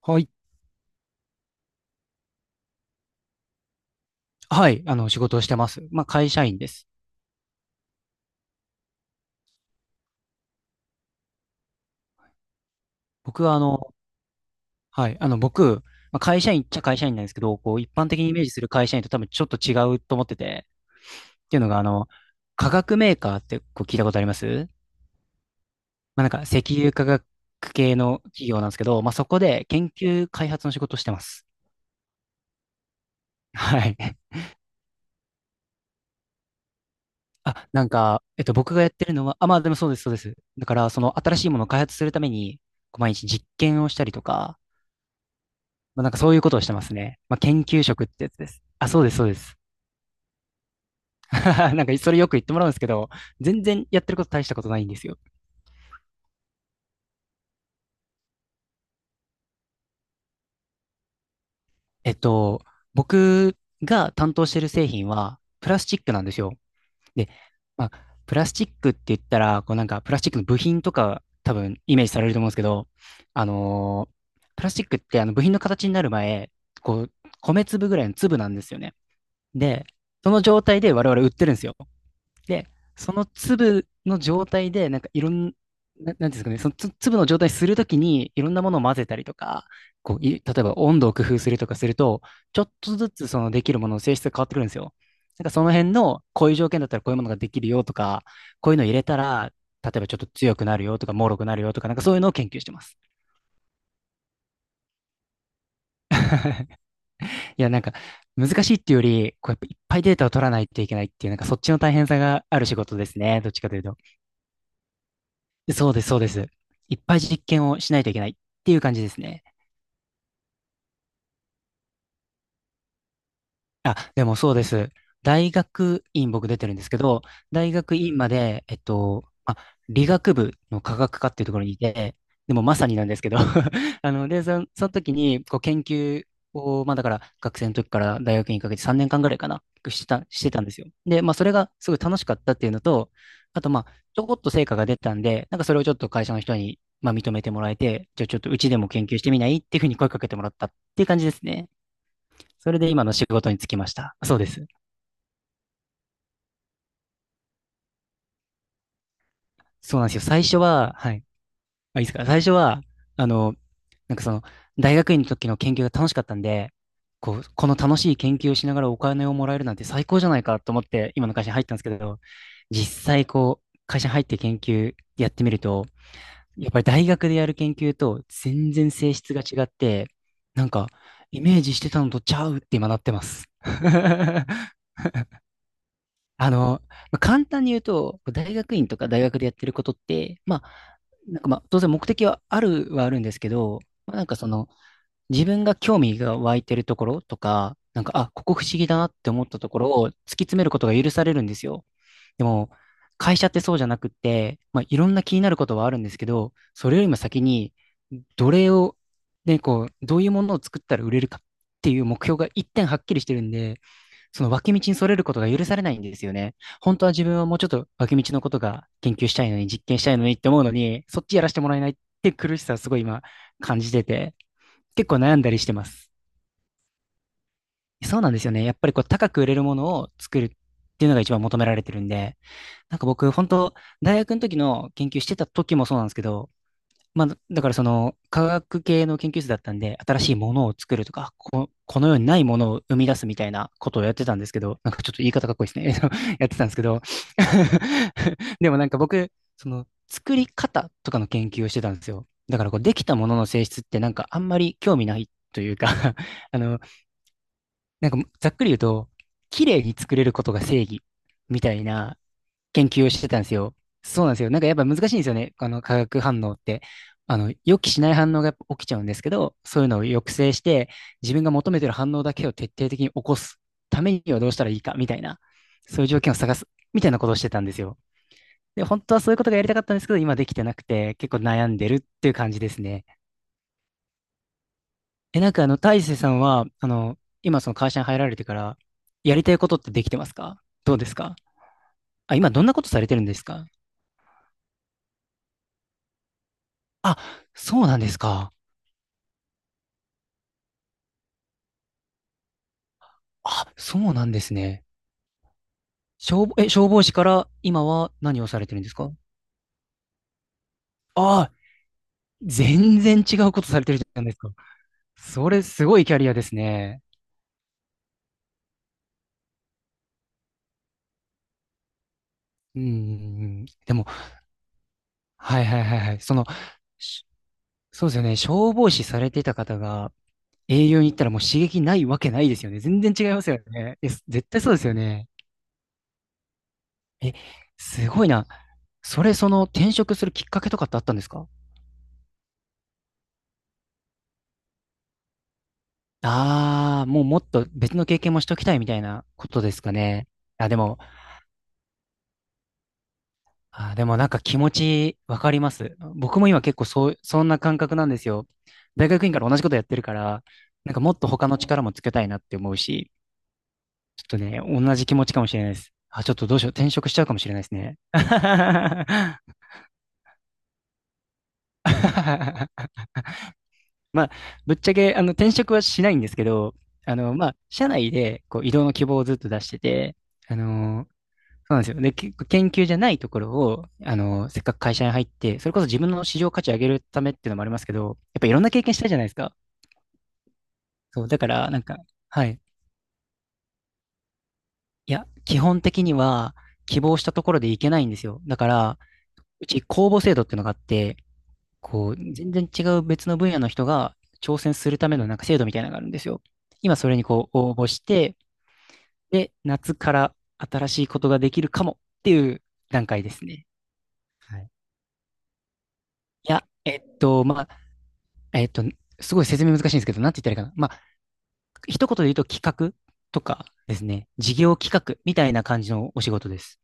はい。はい。仕事をしてます。会社員です。僕は、あの、はい。あの、僕、まあ、会社員っちゃ会社員なんですけど、こう、一般的にイメージする会社員と多分ちょっと違うと思ってて、っていうのが、あの、化学メーカーってこう聞いたことあります？石油化学系の企業なんですけど、まあ、そこで研究開発の仕事をしてます。はい。僕がやってるのは、でもそうです。だから、その、新しいものを開発するために、こう毎日実験をしたりとか、そういうことをしてますね。まあ、研究職ってやつです。あ、そうです。なんかそれよく言ってもらうんですけど、全然やってること大したことないんですよ。えっと、僕が担当してる製品はプラスチックなんですよ。で、まあ、プラスチックって言ったら、こうなんかプラスチックの部品とか多分イメージされると思うんですけど、あのープラスチックってあの部品の形になる前、こう、米粒ぐらいの粒なんですよね。で、その状態で我々売ってるんですよ。で、その粒の状態で、いろんな、なんていうんですかね、その粒の状態にするときに、いろんなものを混ぜたりとか、こう、例えば温度を工夫するとかすると、ちょっとずつそのできるものの性質が変わってくるんですよ。なんかその辺の、こういう条件だったらこういうものができるよとか、こういうのを入れたら、例えばちょっと強くなるよとか、脆くなるよとか、なんかそういうのを研究してます。いや、難しいっていうより、こうやっぱいっぱいデータを取らないといけないっていう、なんかそっちの大変さがある仕事ですね。どっちかというと。そうです。いっぱい実験をしないといけないっていう感じですね。あ、でもそうです。大学院僕出てるんですけど、大学院まで、理学部の科学科っていうところにいて、でもまさになんですけど あの、で、その、その時に、こう、研究を、まあだから、学生の時から大学院にかけて3年間ぐらいかな、してたんですよ。で、まあそれがすごい楽しかったっていうのと、あとちょこっと成果が出たんで、なんかそれをちょっと会社の人に、まあ認めてもらえて、じゃあちょっとうちでも研究してみないっていうふうに声かけてもらったっていう感じですね。それで今の仕事に就きました。そうです。そうなんですよ。最初は、はい。あ、いいですか。最初は、あの、なんかその、大学院の時の研究が楽しかったんで、こう、この楽しい研究をしながらお金をもらえるなんて最高じゃないかと思って、今の会社に入ったんですけど、実際こう、会社に入って研究やってみると、やっぱり大学でやる研究と全然性質が違って、なんか、イメージしてたのとちゃうって今なってます。あの、簡単に言うと、大学院とか大学でやってることって、当然目的はあるはあるんですけど、まあ、なんかその、自分が興味が湧いてるところとか、なんか、あ、ここ不思議だなって思ったところを突き詰めることが許されるんですよ。でも、会社ってそうじゃなくって、まあ、いろんな気になることはあるんですけど、それよりも先に、どれを、ね、こう、どういうものを作ったら売れるかっていう目標が一点はっきりしてるんで、その脇道にそれることが許されないんですよね。本当は自分はもうちょっと脇道のことが研究したいのに、実験したいのにって思うのに、そっちやらせてもらえないって苦しさをすごい今感じてて、結構悩んだりしてます。そうなんですよね。やっぱりこう高く売れるものを作るっていうのが一番求められてるんで、なんか僕、本当大学の時の研究してた時もそうなんですけど、まあ、だからその科学系の研究室だったんで、新しいものを作るとか、この世にないものを生み出すみたいなことをやってたんですけど、なんかちょっと言い方かっこいいですね。やってたんですけど、でもなんか僕、その作り方とかの研究をしてたんですよ。だからこうできたものの性質ってなんかあんまり興味ないというか あの、なんかざっくり言うと、綺麗に作れることが正義みたいな研究をしてたんですよ。そうなんですよ。なんかやっぱ難しいんですよね。あの化学反応って。あの、予期しない反応がやっぱ起きちゃうんですけど、そういうのを抑制して、自分が求めてる反応だけを徹底的に起こすためにはどうしたらいいか、みたいな、そういう条件を探す、みたいなことをしてたんですよ。で、本当はそういうことがやりたかったんですけど、今できてなくて、結構悩んでるっていう感じですね。え、なんかあの、大勢さんは、あの、今その会社に入られてから、やりたいことってできてますか？どうですか？あ、今どんなことされてるんですか？あ、そうなんですか。あ、そうなんですね。え、消防士から今は何をされてるんですか？ああ、全然違うことされてるじゃないですか。それすごいキャリアですね。うん。でも、はい。その、しそうですよね。消防士されていた方が営業に行ったらもう刺激ないわけないですよね。全然違いますよね。え、絶対そうですよね。え、すごいな。それ、その転職するきっかけとかってあったんですか？ああ、もうもっと別の経験もしときたいみたいなことですかね。あ、でも、あ、でもなんか気持ちわかります。僕も今結構そう、そんな感覚なんですよ。大学院から同じことやってるから、なんかもっと他の力もつけたいなって思うし、ちょっとね、同じ気持ちかもしれないです。あ、ちょっとどうしよう。転職しちゃうかもしれないですね。まあ、ぶっちゃけ、あの、転職はしないんですけど、社内で、こう、移動の希望をずっと出してて、あのそうなんですよ。で、結構研究じゃないところを、あの、せっかく会社に入って、それこそ自分の市場価値上げるためっていうのもありますけど、やっぱいろんな経験したいじゃないですか。そう、だから、なんか、はい。いや、基本的には、希望したところでいけないんですよ。だから、うち公募制度っていうのがあって、こう、全然違う別の分野の人が挑戦するためのなんか制度みたいなのがあるんですよ。今それにこう応募して、で、夏から新しいことができるかもっていう段階ですね。はい。いや、まあ、えっと、すごい説明難しいんですけど、なんて言ったらいいかな。まあ、一言で言うと企画とかですね、事業企画みたいな感じのお仕事です。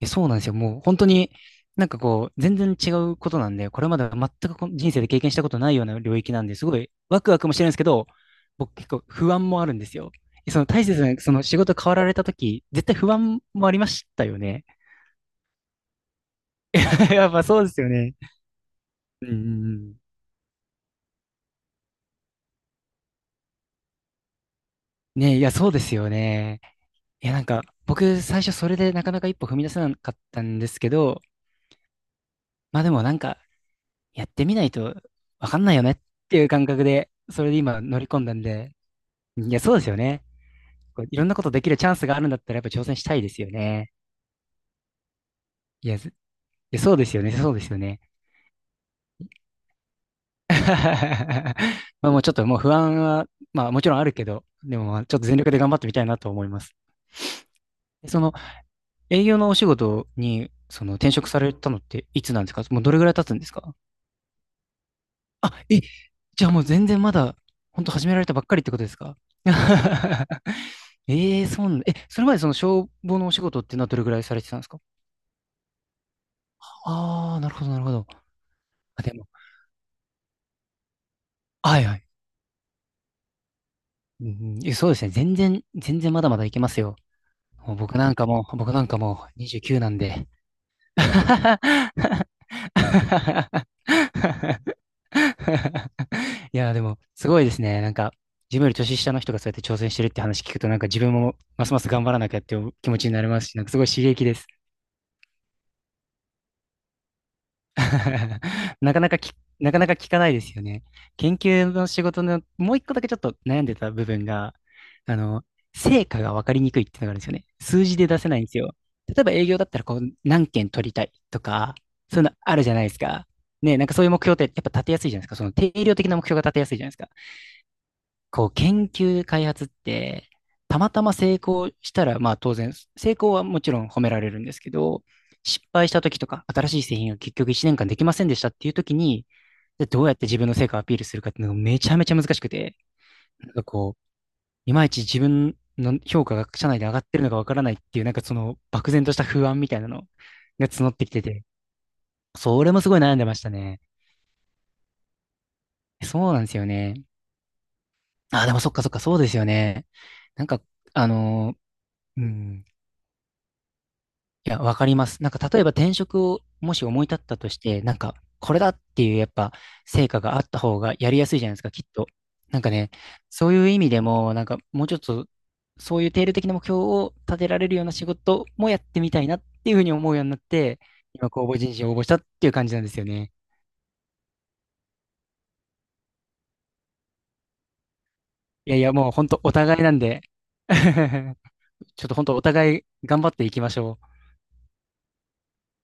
そうなんですよ。もう本当になんかこう、全然違うことなんで、これまで全くこの人生で経験したことないような領域なんで、すごいワクワクもしてるんですけど、僕結構不安もあるんですよ。えその大切な、その仕事変わられたとき、絶対不安もありましたよね。やっぱそうですよね。うんうんうん。ね、いや、そうですよね。いや、なんか、僕、最初それでなかなか一歩踏み出せなかったんですけど、まあでもなんか、やってみないとわかんないよねっていう感覚で、それで今乗り込んだんで、いや、そうですよね。こういろんなことできるチャンスがあるんだったらやっぱ挑戦したいですよね。いや、ずいやそうですよね、そうですよね。まあもうちょっともう不安は、まあもちろんあるけど、でもまあちょっと全力で頑張ってみたいなと思います。その営業のお仕事に、その転職されたのっていつなんですか？もうどれぐらい経つんですか？あ、じゃあもう全然まだ、本当始められたばっかりってことですか？ ええーそうなんだそれまでその消防のお仕事っていうのはどれぐらいされてたんですか？ああー、なるほど、なるほど。あ、でも、はいはい。うんうんそうですね。全然、全然まだまだいけますよ。もう僕なんかもう29なんで。いや、でも、すごいですね。なんか、自分より年下の人がそうやって挑戦してるって話聞くと、なんか自分もますます頑張らなきゃっていう気持ちになりますし、なんかすごい刺激です。なかなかき、なかなか聞かないですよね。研究の仕事の、もう一個だけちょっと悩んでた部分が、あの、成果が分かりにくいっていうのがあるんですよね。数字で出せないんですよ。例えば営業だったら、こう、何件取りたいとか、そういうのあるじゃないですか。ね、なんかそういう目標ってやっぱ立てやすいじゃないですか。その定量的な目標が立てやすいじゃないですか。こう研究開発って、たまたま成功したら、まあ当然、成功はもちろん褒められるんですけど、失敗した時とか、新しい製品が結局1年間できませんでしたっていう時に、でどうやって自分の成果をアピールするかっていうのがめちゃめちゃ難しくて、なんかこう、いまいち自分の評価が社内で上がってるのかわからないっていう、なんかその漠然とした不安みたいなのが募ってきてて、それもすごい悩んでましたね。そうなんですよね。あ、でもそっかそっか、そうですよね。なんか、あのうん、いや、わかります。なんか、例えば転職をもし思い立ったとして、なんか、これだっていうやっぱ成果があった方がやりやすいじゃないですか、きっと。なんかね、そういう意味でも、なんか、もうちょっと、そういう定量的な目標を立てられるような仕事もやってみたいなっていうふうに思うようになって、今、公募人事を応募したっていう感じなんですよね。いやいや、もう本当お互いなんで、ちょっと本当お互い頑張っていきましょう。